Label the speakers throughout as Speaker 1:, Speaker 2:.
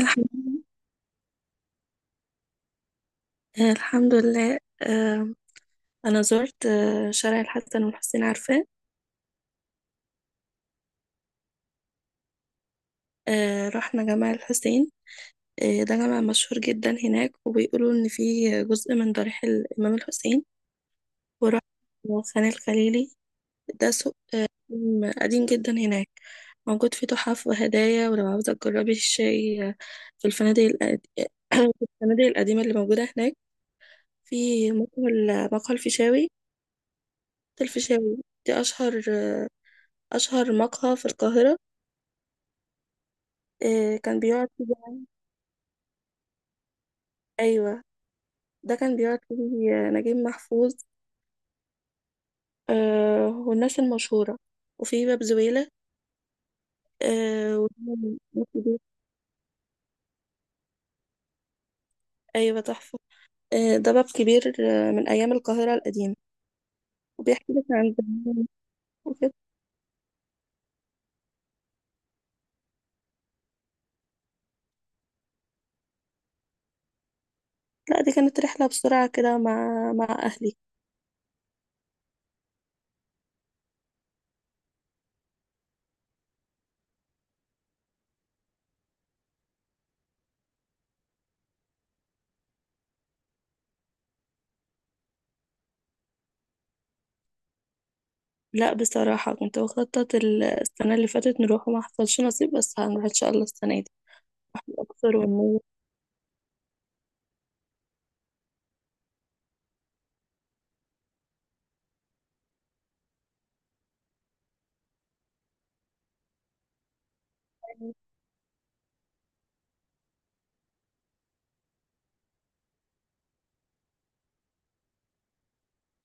Speaker 1: الحمد لله. الحمد لله. أنا زرت شارع الحسن والحسين، عارفاه؟ رحنا جامع الحسين. ده جامع مشهور جدا هناك، وبيقولوا إن فيه جزء من ضريح الإمام الحسين. ورحت خان الخليلي. ده سوق قديم قديم جدا هناك، موجود فيه تحف وهدايا. ولو عاوزة تجربي الشاي في الفنادق في الفنادق القديمة اللي موجودة هناك، في مقهى الفيشاوي. الفيشاوي دي أشهر مقهى في القاهرة. كان بيقعد فيه. أيوة. ده كان بيقعد فيه نجيب محفوظ والناس المشهورة. وفي باب زويلة وده باب كبير. أيوة، تحفة. ده باب كبير من أيام القاهرة القديمة، وبيحكي لك عن زمان وكده. لا، دي كانت رحلة بسرعة كده مع أهلي. لا، بصراحة كنت بخطط السنة اللي فاتت نروح، وما حصلش نصيب، بس هنروح إن شاء الله السنة دي الأقصر والنيل.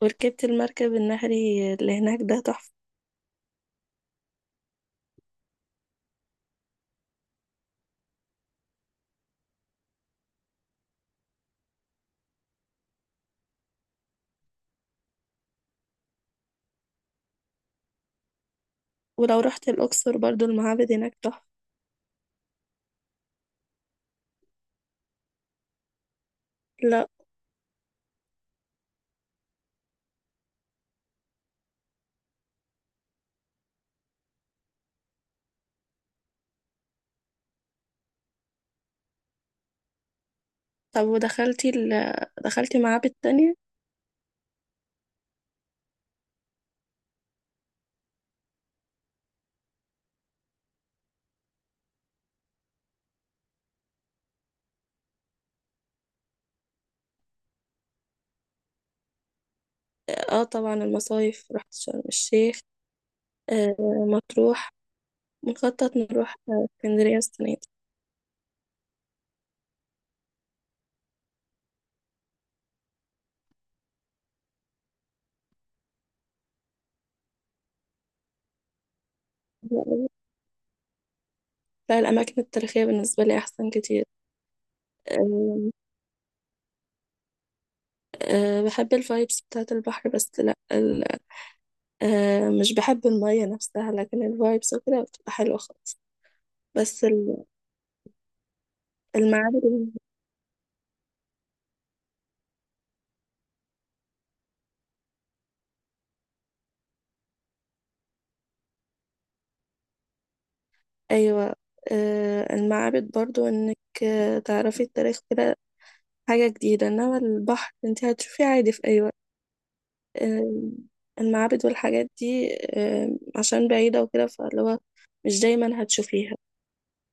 Speaker 1: وركبت المركب النهري اللي هناك، ده تحفة. ولو رحت الأقصر برضو، المعابد هناك تحفة. لا. طب ودخلتي دخلتي معابد تانية؟ اه، طبعا. المصايف، رحت شرم الشيخ، آه مطروح، مخطط نروح اسكندرية السنة دي. لا، الأماكن التاريخية بالنسبة لي أحسن كتير. آه بحب الفايبس بتاعة البحر، بس لا مش بحب المية نفسها، لكن الفايبس وكده بتبقى حلوة خالص. بس ال- المعابد. أيوة. المعابد برضو إنك تعرفي التاريخ كده، حاجة جديدة، إنما البحر أنت هتشوفيه عادي في أي وقت. آه، المعابد والحاجات دي عشان بعيدة وكده، فاللي هو مش دايما هتشوفيها،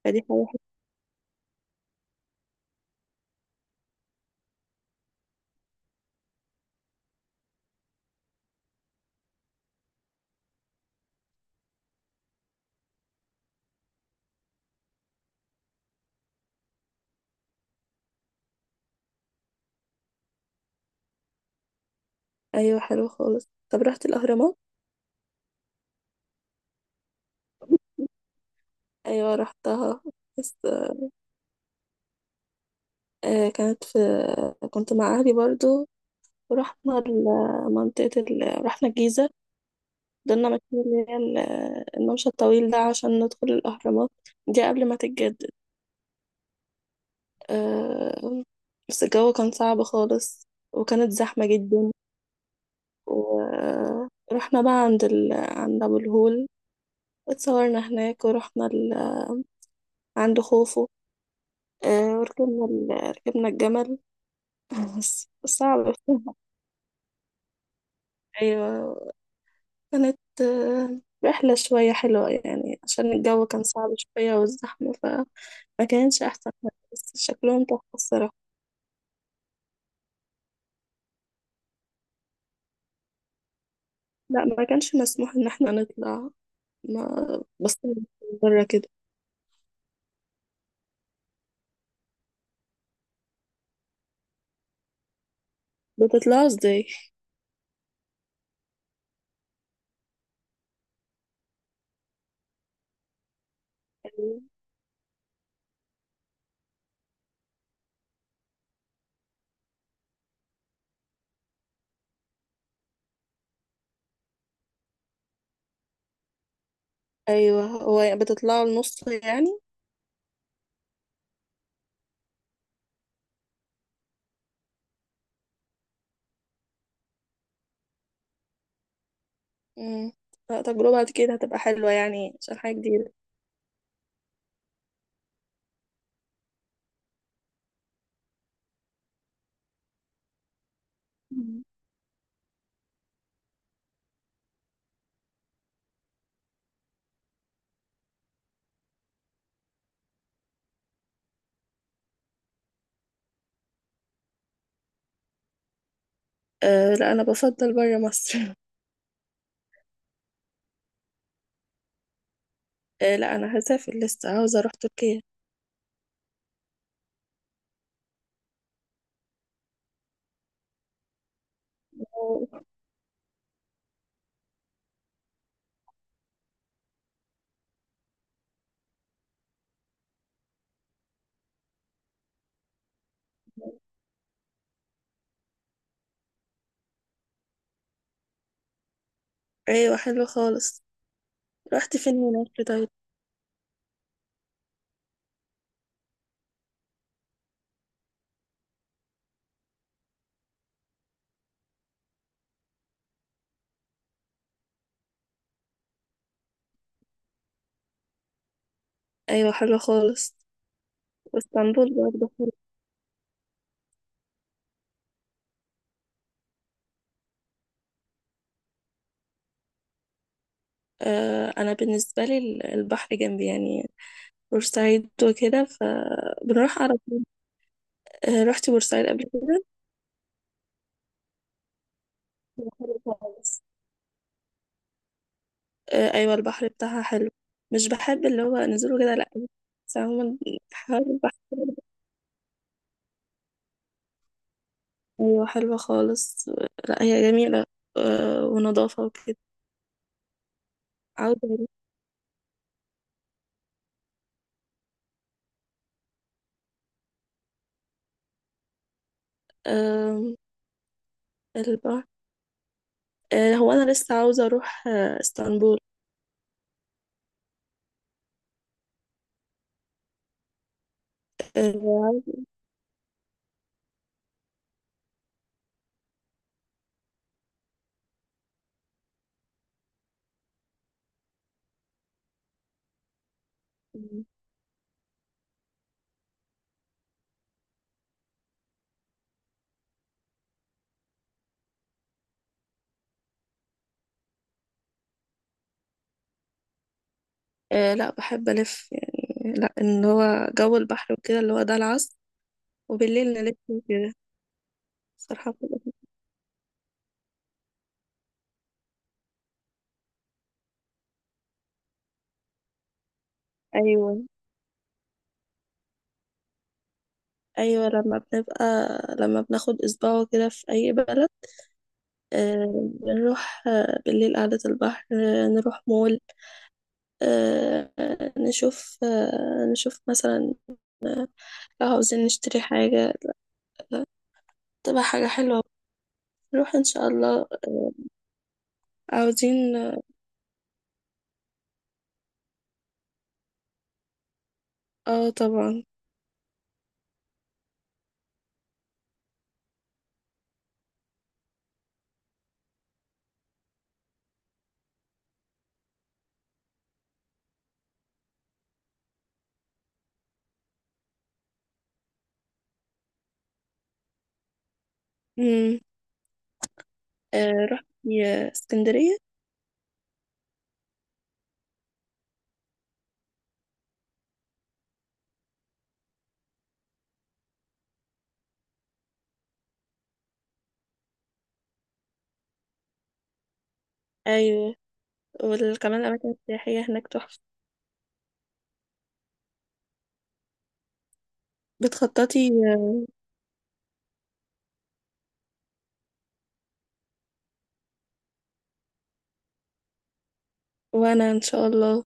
Speaker 1: فدي حاجة حلوة. أيوة، حلوة خالص. طب رحت الأهرامات؟ أيوة، رحتها. بس آه، كانت في كنت مع أهلي برضو. ورحنا رحنا الجيزة. ضلنا ماشيين اللي هي الممشى الطويل ده عشان ندخل الأهرامات دي قبل ما تتجدد. آه، بس الجو كان صعب خالص، وكانت زحمة جدا. ورحنا بقى عند عند أبو الهول، اتصورنا هناك، ورحنا عند خوفو. آه، وركبنا ال... ركبنا الجمل بس صعب أيوة، كانت رحلة شوية حلوة يعني، عشان الجو كان صعب شوية والزحمة، فما كانش أحسن حاجة، بس شكلهم تحفة الصراحة. لا، ما كانش مسموح إن احنا نطلع، ما بس بره كده. بتطلعوا ازاي؟ أيوة. هو يعني بتطلعوا النص يعني. مم. لا، تجربة كده هتبقى حلوة يعني، عشان حاجة جديدة. مم. أه، لا، أنا بفضل بره مصر أه، لا، أنا هسافر لسه، عاوزة أروح تركيا. أوه. أيوة، حلو خالص. رحت فين هناك طيب؟ أيوة، حلوة خالص. واسطنبول برضه حلوة. أنا بالنسبة لي البحر جنبي يعني، بورسعيد وكده، فبنروح على طول. رحت بورسعيد قبل كده. حلو خالص. أيوة، البحر بتاعها حلو. مش بحب اللي هو نزوله كده، لأ. بس عموما، حوار البحر. أيوة، حلوة خالص. لأ، هي جميلة ونضافة وكده. عاوزة أروح آه البحر. هو أنا لسه عاوزة أروح اسطنبول. آه لا، بحب ألف يعني، لا، إن هو جو البحر وكده، اللي هو ده العصر وبالليل نلف وكده. الصراحة بتبقى. أيوه، أيوه، لما بناخد أسبوع كده في أي بلد بنروح بالليل قعدة البحر، نروح مول، نشوف مثلا لو عاوزين نشتري حاجة. لا، تبقى حاجة حلوة، نروح إن شاء الله، عاوزين. اه، طبعا. مم. رحت اسكندرية. أيوه. وكمان الأماكن السياحية هناك تحفة. بتخططي. وأنا إن شاء الله.